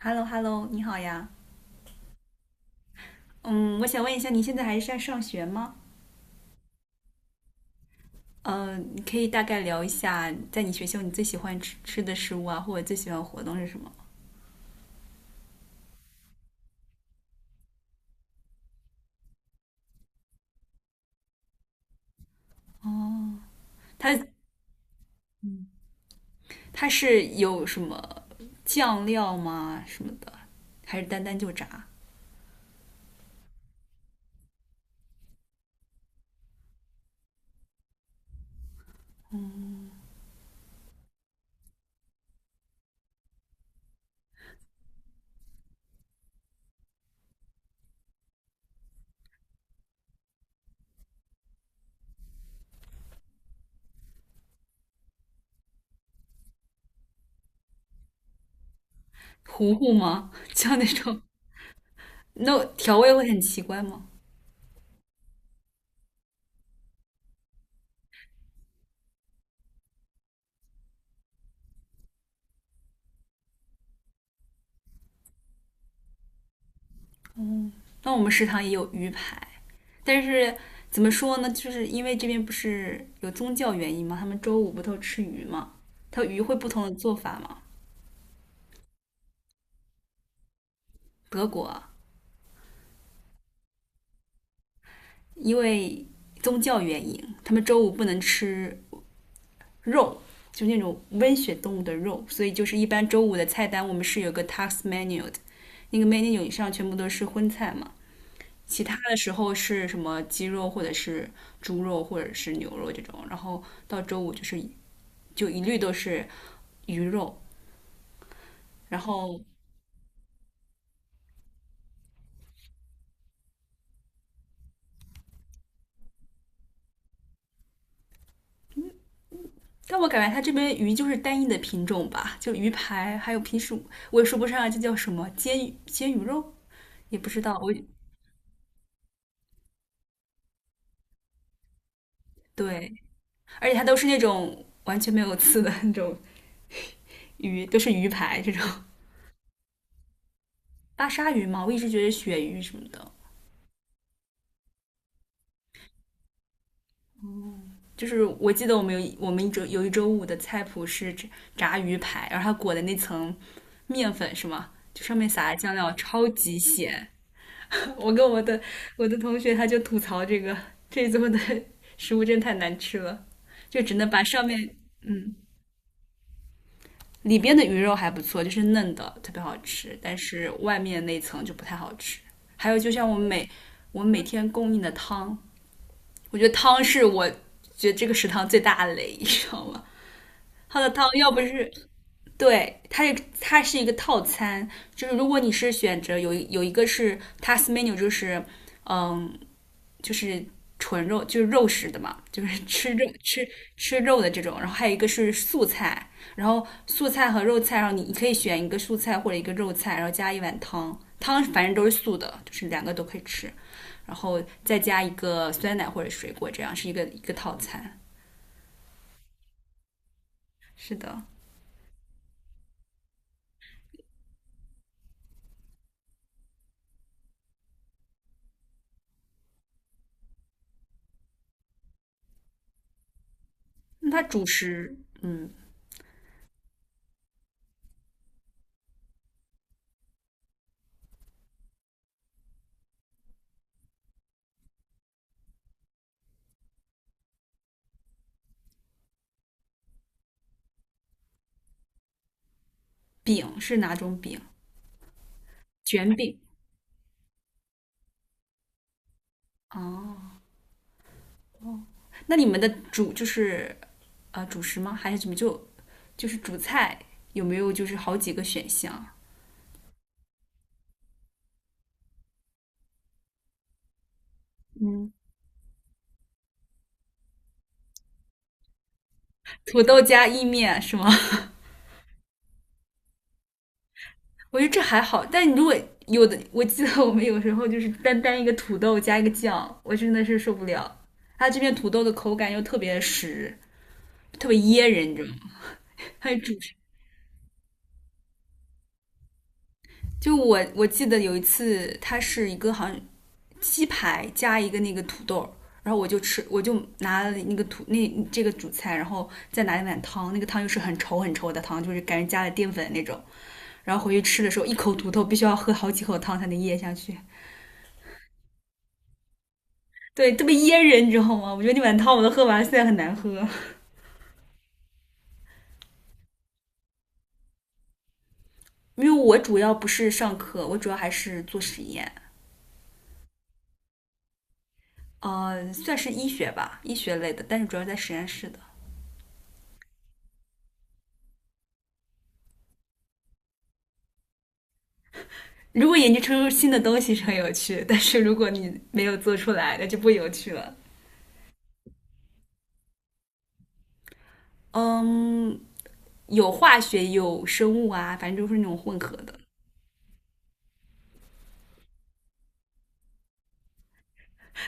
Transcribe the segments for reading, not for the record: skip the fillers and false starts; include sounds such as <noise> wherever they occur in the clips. Hello Hello，你好呀。嗯，我想问一下，你现在还是在上学吗？嗯，你可以大概聊一下，在你学校你最喜欢吃的食物啊，或者最喜欢活动是什么？哦，它它是有什么酱料吗？什么的，还是单单就炸糊糊吗？<laughs> 像那种那调味会很奇怪吗？那我们食堂也有鱼排，但是怎么说呢？就是因为这边不是有宗教原因嘛，他们周五不都吃鱼嘛，它鱼会不同的做法嘛。德国因为宗教原因，他们周五不能吃肉，就那种温血动物的肉，所以就是一般周五的菜单我们是有个 tax menu 的，那个 menu 以上全部都是荤菜嘛。其他的时候是什么鸡肉或者是猪肉或者是牛肉这种，然后到周五就是就一律都是鱼肉，然后但我感觉它这边鱼就是单一的品种吧，就鱼排，还有平时我也说不上这叫什么煎鱼肉，也不知道我对，而且它都是那种完全没有刺的那种鱼，都是鱼排这种巴沙鱼嘛，我一直觉得是鳕鱼什么的。就是我记得我们一周五的菜谱是炸鱼排，然后它裹的那层面粉是吗？就上面撒的酱料超级咸。<laughs> 我跟我的同学他就吐槽这一周的食物真太难吃了，就只能把上面嗯里边的鱼肉还不错，就是嫩的，特别好吃，但是外面那层就不太好吃。还有，就像我们每天供应的汤，我觉得汤是我觉得这个食堂最大的雷，你知道吗？它的汤要不是对它也，它是一个套餐，就是如果你是选择有一个是 task menu，就是嗯就是纯肉，就是肉食的嘛，就是 <laughs> 吃肉的这种。然后还有一个是素菜，然后素菜和肉菜，然后你可以选一个素菜或者一个肉菜，然后加一碗汤，汤反正都是素的，就是两个都可以吃，然后再加一个酸奶或者水果，这样是一个套餐。是的，那它主食，嗯，饼是哪种饼？卷饼。哦，那你们的主就是主食吗？还是怎么就就是主菜有没有就是好几个选项？嗯，土豆加意面是吗？<laughs> 我觉得这还好，但如果有的，我记得我们有时候就是单单一个土豆加一个酱，我真的是受不了。它这边土豆的口感又特别实，特别噎人，你知道吗？还有主食。就我记得有一次，它是一个好像鸡排加一个那个土豆然后我就吃，我就拿了那个土那这个主菜，然后再拿一碗汤，那个汤又是很稠很稠的汤，就是感觉加了淀粉那种。然后回去吃的时候，一口土豆必须要喝好几口汤才能咽下去，对，特别噎人，你知道吗？我觉得那碗汤我都喝完了，现在很难喝，因为我主要不是上课，我主要还是做实验，算是医学吧，医学类的，但是主要在实验室的。如果研究出新的东西是很有趣，但是如果你没有做出来，那就不有趣了。嗯，有化学，有生物啊，反正就是那种混合的。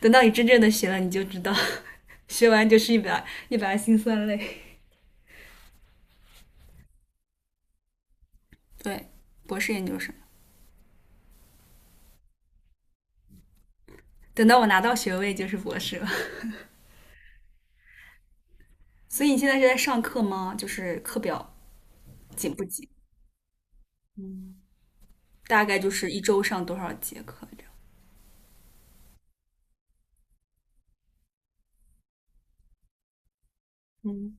等到你真正的学了，你就知道，<laughs> 学完就是一百辛酸泪。对，博士研究生，等到我拿到学位就是博士了。<laughs> 所以你现在是在上课吗？就是课表紧不紧？嗯，大概就是一周上多少节课这样？嗯，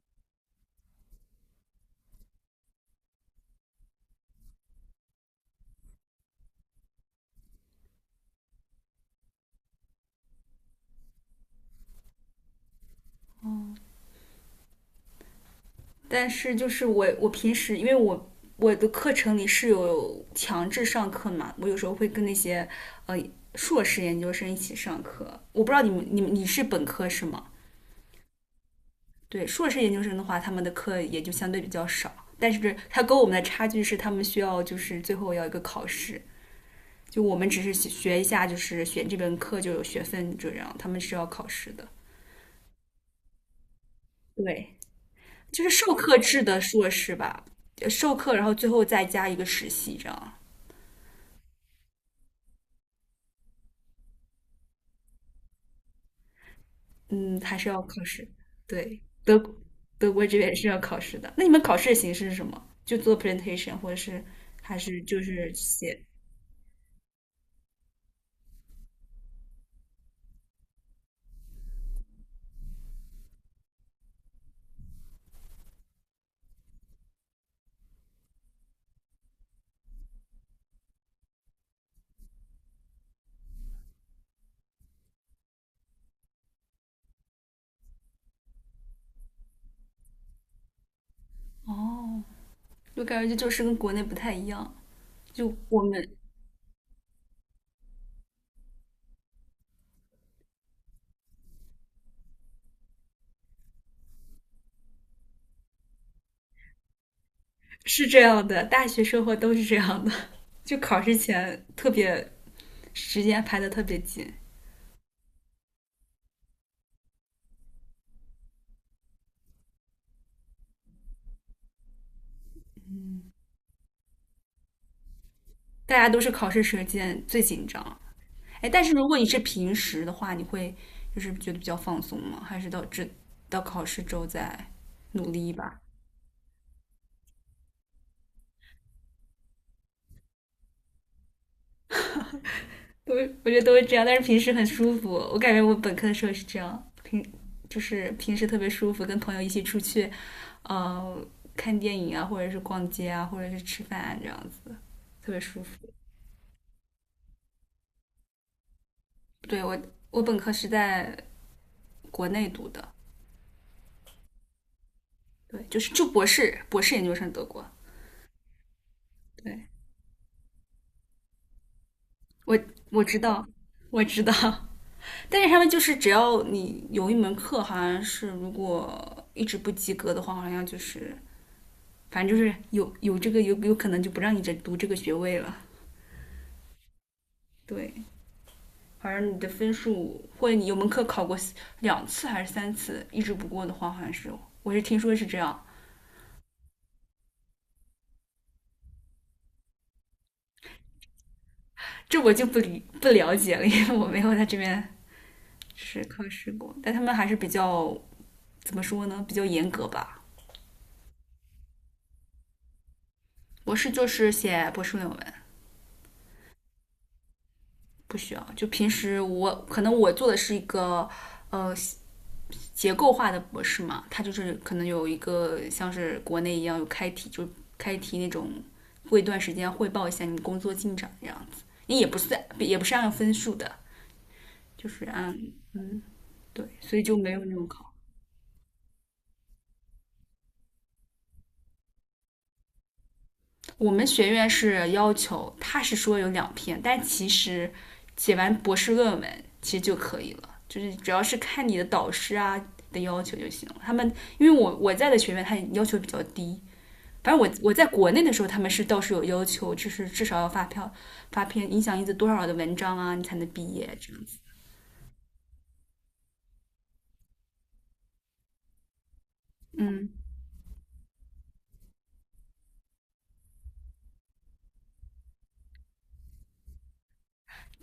哦，但是就是我平时因为我我的课程里是有强制上课嘛，我有时候会跟那些呃硕士研究生一起上课。我不知道你是本科是吗？对，硕士研究生的话，他们的课也就相对比较少，但是他跟我们的差距是他们需要就是最后要一个考试。就我们只是学一下，就是选这门课就有学分这样，他们是要考试的。对，就是授课制的硕士吧，授课，然后最后再加一个实习这样。嗯，还是要考试。对，德国这边是要考试的。那你们考试的形式是什么？就做 presentation，或者是还是就是写？哦，我感觉这就是跟国内不太一样。就我们是这样的，大学生活都是这样的。<laughs> 就考试前特别时间排的特别紧，大家都是考试时间最紧张。哎，但是如果你是平时的话，你会就是觉得比较放松吗？还是到这到考试之后再努力一把？都我觉得都是这样，但是平时很舒服。我感觉我本科的时候是这样，平就是平时特别舒服，跟朋友一起出去，呃，看电影啊，或者是逛街啊，或者是吃饭啊，这样子特别舒服。对，我本科是在国内读的，对，就是博士，博士研究生德国。对我我知道，我知道，但是他们就是只要你有一门课，好像是如果一直不及格的话，好像就是反正就是有这个有可能就不让你再读这个学位了。对，反正你的分数或者你有门课考过两次还是三次，一直不过的话，好像是我是听说是这样，这我就不了解了，因为我没有在这边考试过，但他们还是比较怎么说呢，比较严格吧。博士就是写博士论文，不需要。就平时我可能我做的是一个呃结构化的博士嘛，他就是可能有一个像是国内一样有开题，就开题那种，过一段时间汇报一下你工作进展这样子。你也不算，也不是按分数的，就是按嗯对，所以就没有那种考。我们学院是要求，他是说有两篇，但其实写完博士论文其实就可以了，就是主要是看你的导师啊的要求就行了。他们因为我在的学院，他要求比较低，反正我在国内的时候，他们是倒是有要求，就是至少要发篇影响因子多少的文章啊，你才能毕业这样子。嗯，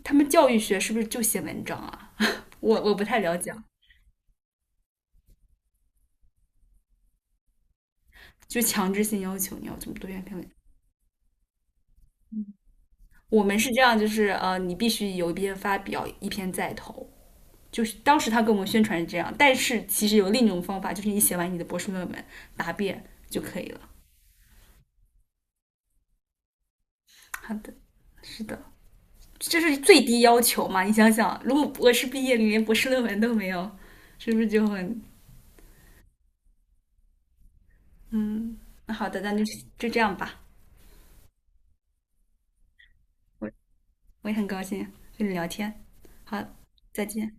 他们教育学是不是就写文章啊？我我不太了解啊，就强制性要求你要这么多篇文。我们是这样，就是你必须有一篇发表，一篇再投。就是当时他跟我们宣传是这样，但是其实有另一种方法，就是你写完你的博士论文答辩就可以了。好的，是的，这是最低要求嘛？你想想，如果博士毕业你连博士论文都没有，是不是就很嗯？那好的，就这样吧。我我也很高兴跟你聊天，好，再见。